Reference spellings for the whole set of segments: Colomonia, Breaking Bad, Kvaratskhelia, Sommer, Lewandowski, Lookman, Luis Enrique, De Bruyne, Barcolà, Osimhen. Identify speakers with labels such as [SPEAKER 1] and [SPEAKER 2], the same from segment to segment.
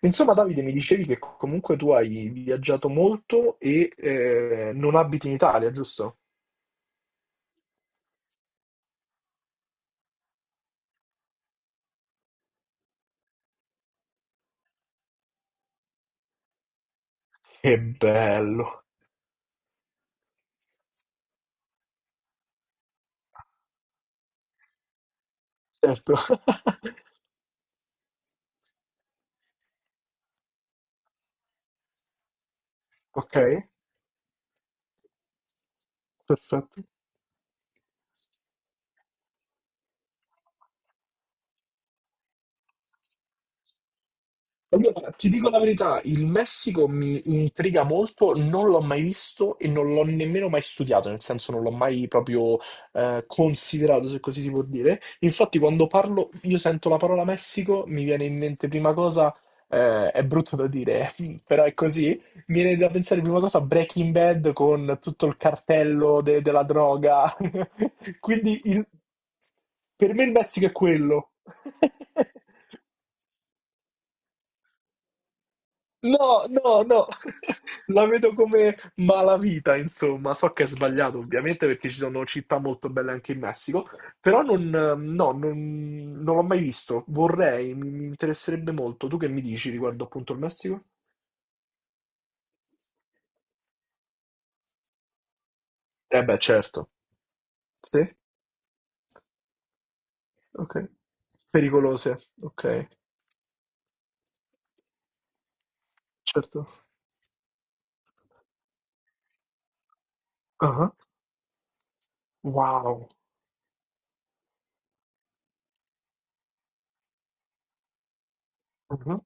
[SPEAKER 1] Insomma, Davide, mi dicevi che comunque tu hai viaggiato molto e non abiti in Italia, giusto? Che bello, certo. Ok, perfetto. Allora, ti dico la verità, il Messico mi intriga molto, non l'ho mai visto e non l'ho nemmeno mai studiato, nel senso non l'ho mai proprio considerato, se così si può dire. Infatti, quando parlo, io sento la parola Messico, mi viene in mente prima cosa, è brutto da dire, però è così, mi viene da pensare prima cosa a Breaking Bad con tutto il cartello della droga. Quindi il- per me il Messico è quello. No, no, no, la vedo come malavita, insomma. So che è sbagliato, ovviamente, perché ci sono città molto belle anche in Messico, però non, no, non, non l'ho mai visto. Vorrei, mi interesserebbe molto. Tu che mi dici riguardo appunto il Messico? Eh beh, certo. Sì? Ok. Pericolose, ok. Certo. Ah, ah. Wow. Ah, ah.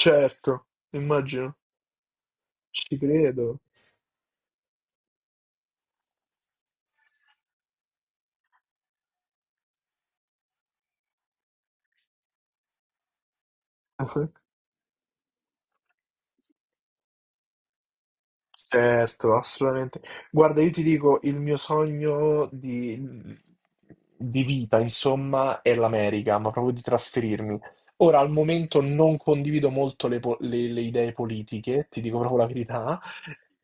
[SPEAKER 1] Certo, immagino. Ci credo. Ah, ah. Certo, assolutamente. Guarda, io ti dico, il mio sogno di vita, insomma, è l'America, ma proprio di trasferirmi. Ora, al momento non condivido molto le idee politiche, ti dico proprio la verità,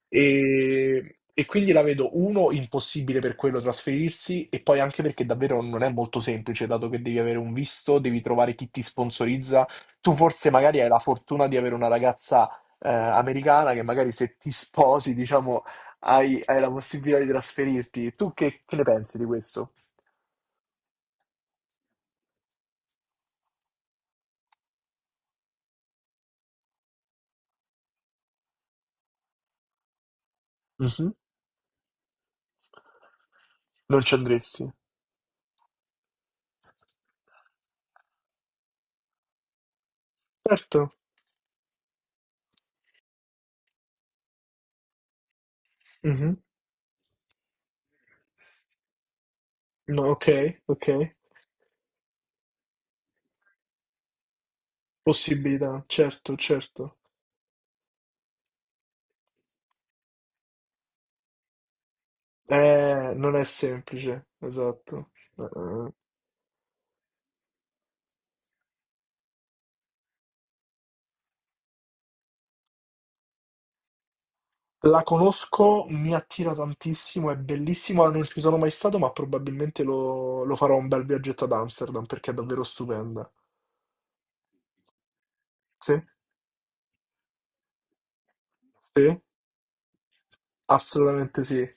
[SPEAKER 1] e quindi la vedo, uno, impossibile per quello trasferirsi, e poi anche perché davvero non è molto semplice, dato che devi avere un visto, devi trovare chi ti sponsorizza. Tu forse magari hai la fortuna di avere una ragazza americana che magari se ti sposi, diciamo, hai la possibilità di trasferirti. Tu che ne pensi di questo? Mhm. Non ci andresti? Certo. Mhm. No, ok, ok. Possibilità, certo, certo. Non è semplice, esatto. La conosco, mi attira tantissimo, è bellissima, non ci sono mai stato, ma probabilmente lo farò un bel viaggetto ad Amsterdam perché è davvero stupenda. Sì? Sì? Assolutamente sì.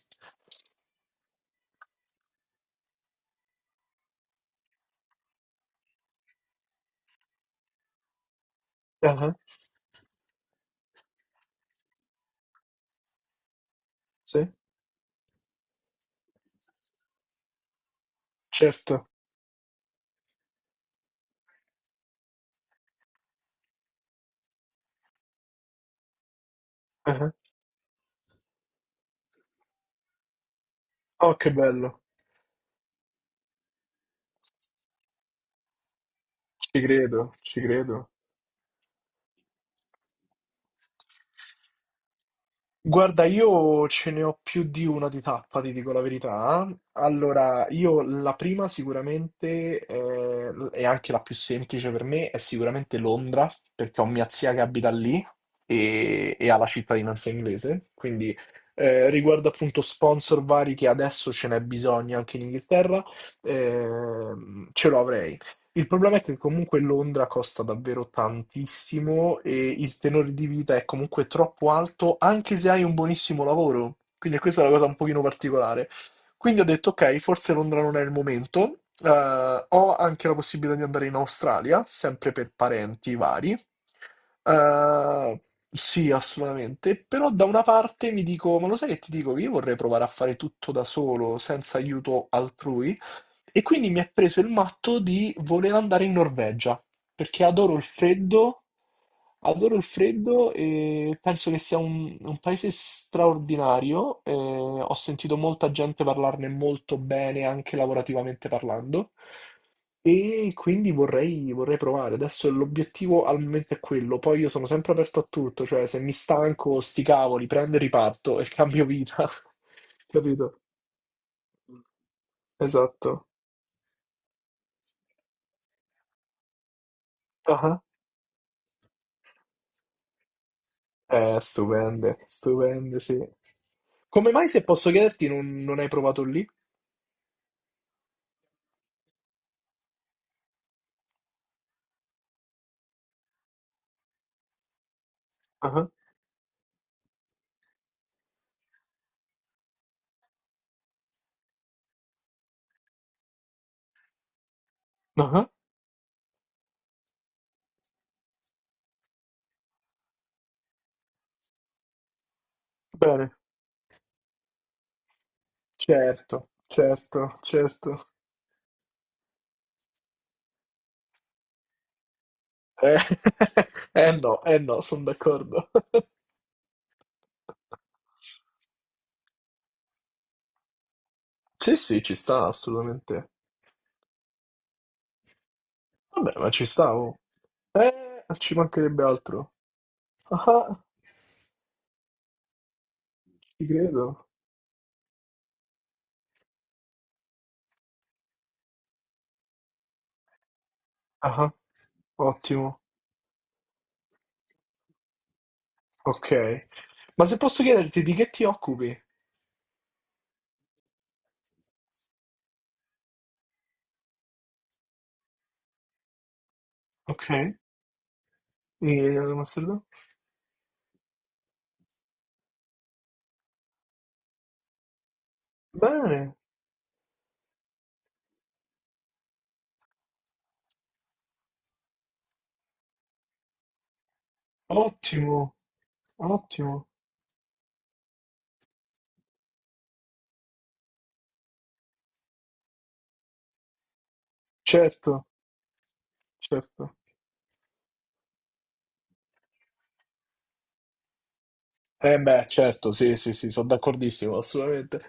[SPEAKER 1] Ah, sì? Certo. Ah. Oh, che bello. Ci credo, ci credo. Guarda, io ce ne ho più di una di tappa, ti dico la verità. Allora, io la prima sicuramente, e anche la più semplice per me, è sicuramente Londra, perché ho mia zia che abita lì e ha la cittadinanza inglese. Quindi, riguardo appunto sponsor vari che adesso ce n'è bisogno anche in Inghilterra, ce lo avrei. Il problema è che comunque Londra costa davvero tantissimo e il tenore di vita è comunque troppo alto, anche se hai un buonissimo lavoro. Quindi questa è la cosa un pochino particolare. Quindi ho detto, ok, forse Londra non è il momento. Ho anche la possibilità di andare in Australia, sempre per parenti vari. Eh, sì, assolutamente. Però da una parte mi dico, ma lo sai che ti dico? Che io vorrei provare a fare tutto da solo, senza aiuto altrui. E quindi mi ha preso il matto di voler andare in Norvegia, perché adoro il freddo e penso che sia un paese straordinario. Eh, ho sentito molta gente parlarne molto bene, anche lavorativamente parlando, e quindi vorrei provare. Adesso l'obiettivo al momento è quello, poi io sono sempre aperto a tutto, cioè se mi stanco, sti cavoli, prendo e riparto e cambio vita. Capito? Esatto. Stupende, stupende, sì. Come mai, se posso chiederti, non hai provato lì? Ah, ah. Bene. Certo, certo, certo. Eh, no, eh no, sono d'accordo. Sì, sì, ci sta assolutamente. Vabbè, ma ci stavo. Ci mancherebbe altro. Ah, ci credo. Ah, ottimo, ok. Ma se posso chiederti di che ti occupi ok. In Amsterdam? Bene. Ottimo, ottimo, certo, certo. Eh beh, certo, sì, sì, sì, sono d'accordissimo, assolutamente.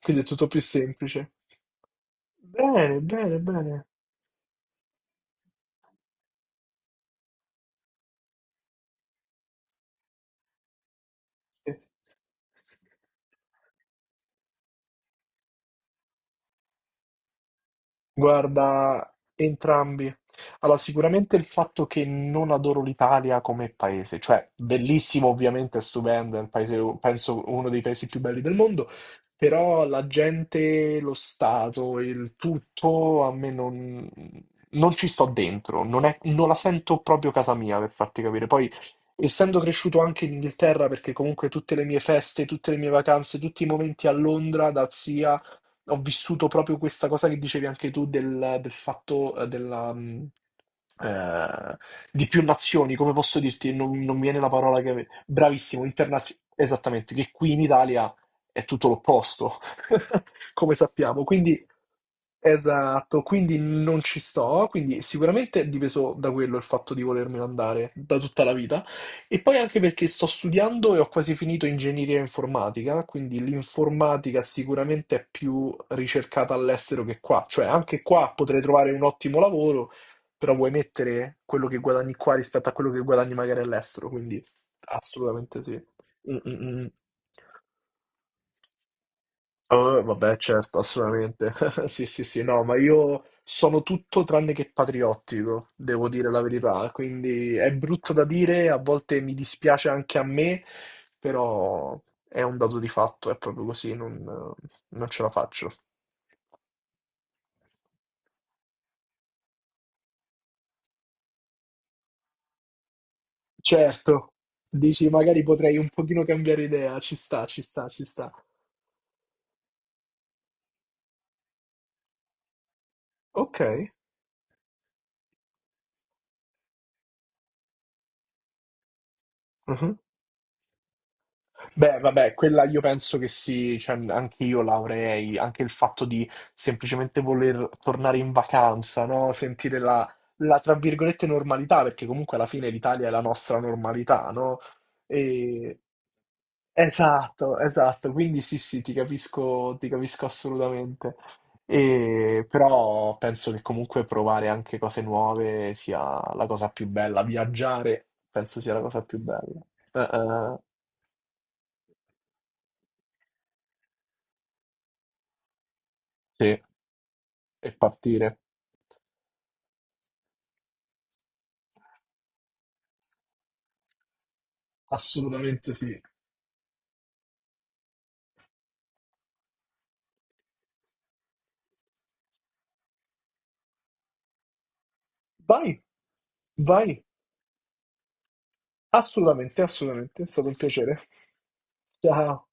[SPEAKER 1] Quindi è tutto più semplice. Bene, bene, bene. Sì. Guarda, entrambi. Allora, sicuramente il fatto che non adoro l'Italia come paese, cioè bellissimo, ovviamente, è stupendo, è un paese, penso uno dei paesi più belli del mondo, però la gente, lo Stato, il tutto a me non ci sto dentro, non la sento proprio casa mia, per farti capire. Poi, essendo cresciuto anche in Inghilterra, perché comunque tutte le mie feste, tutte le mie vacanze, tutti i momenti a Londra, da zia ho vissuto proprio questa cosa che dicevi anche tu del fatto eh, di più nazioni, come posso dirti? Non mi viene la parola che... Bravissimo, internazionale. Esattamente, che qui in Italia è tutto l'opposto, come sappiamo. Quindi, esatto, quindi non ci sto. Quindi sicuramente è dipeso da quello il fatto di volermelo andare da tutta la vita. E poi anche perché sto studiando e ho quasi finito ingegneria informatica, quindi l'informatica sicuramente è più ricercata all'estero che qua, cioè anche qua potrei trovare un ottimo lavoro, però vuoi mettere quello che guadagni qua rispetto a quello che guadagni magari all'estero, quindi assolutamente sì. Mm, mm, mm. Vabbè, certo, assolutamente. Sì, sì, sì, no, ma io sono tutto tranne che patriottico, devo dire la verità. Quindi è brutto da dire, a volte mi dispiace anche a me, però è un dato di fatto, è proprio così, non ce la faccio. Certo, dici magari potrei un pochino cambiare idea, ci sta, ci sta, ci sta. Ok. Beh, vabbè, quella io penso che sì, cioè, anche io l'avrei, anche il fatto di semplicemente voler tornare in vacanza, no? Sentire la, tra virgolette, normalità, perché comunque alla fine l'Italia è la nostra normalità, no? E- Esatto, esatto, quindi sì, sì, ti capisco assolutamente. Però penso che comunque provare anche cose nuove sia la cosa più bella, viaggiare penso sia la cosa più bella. Eh, eh, sì. E partire. Assolutamente sì. Vai, vai. Assolutamente, assolutamente. È stato un piacere. Ciao.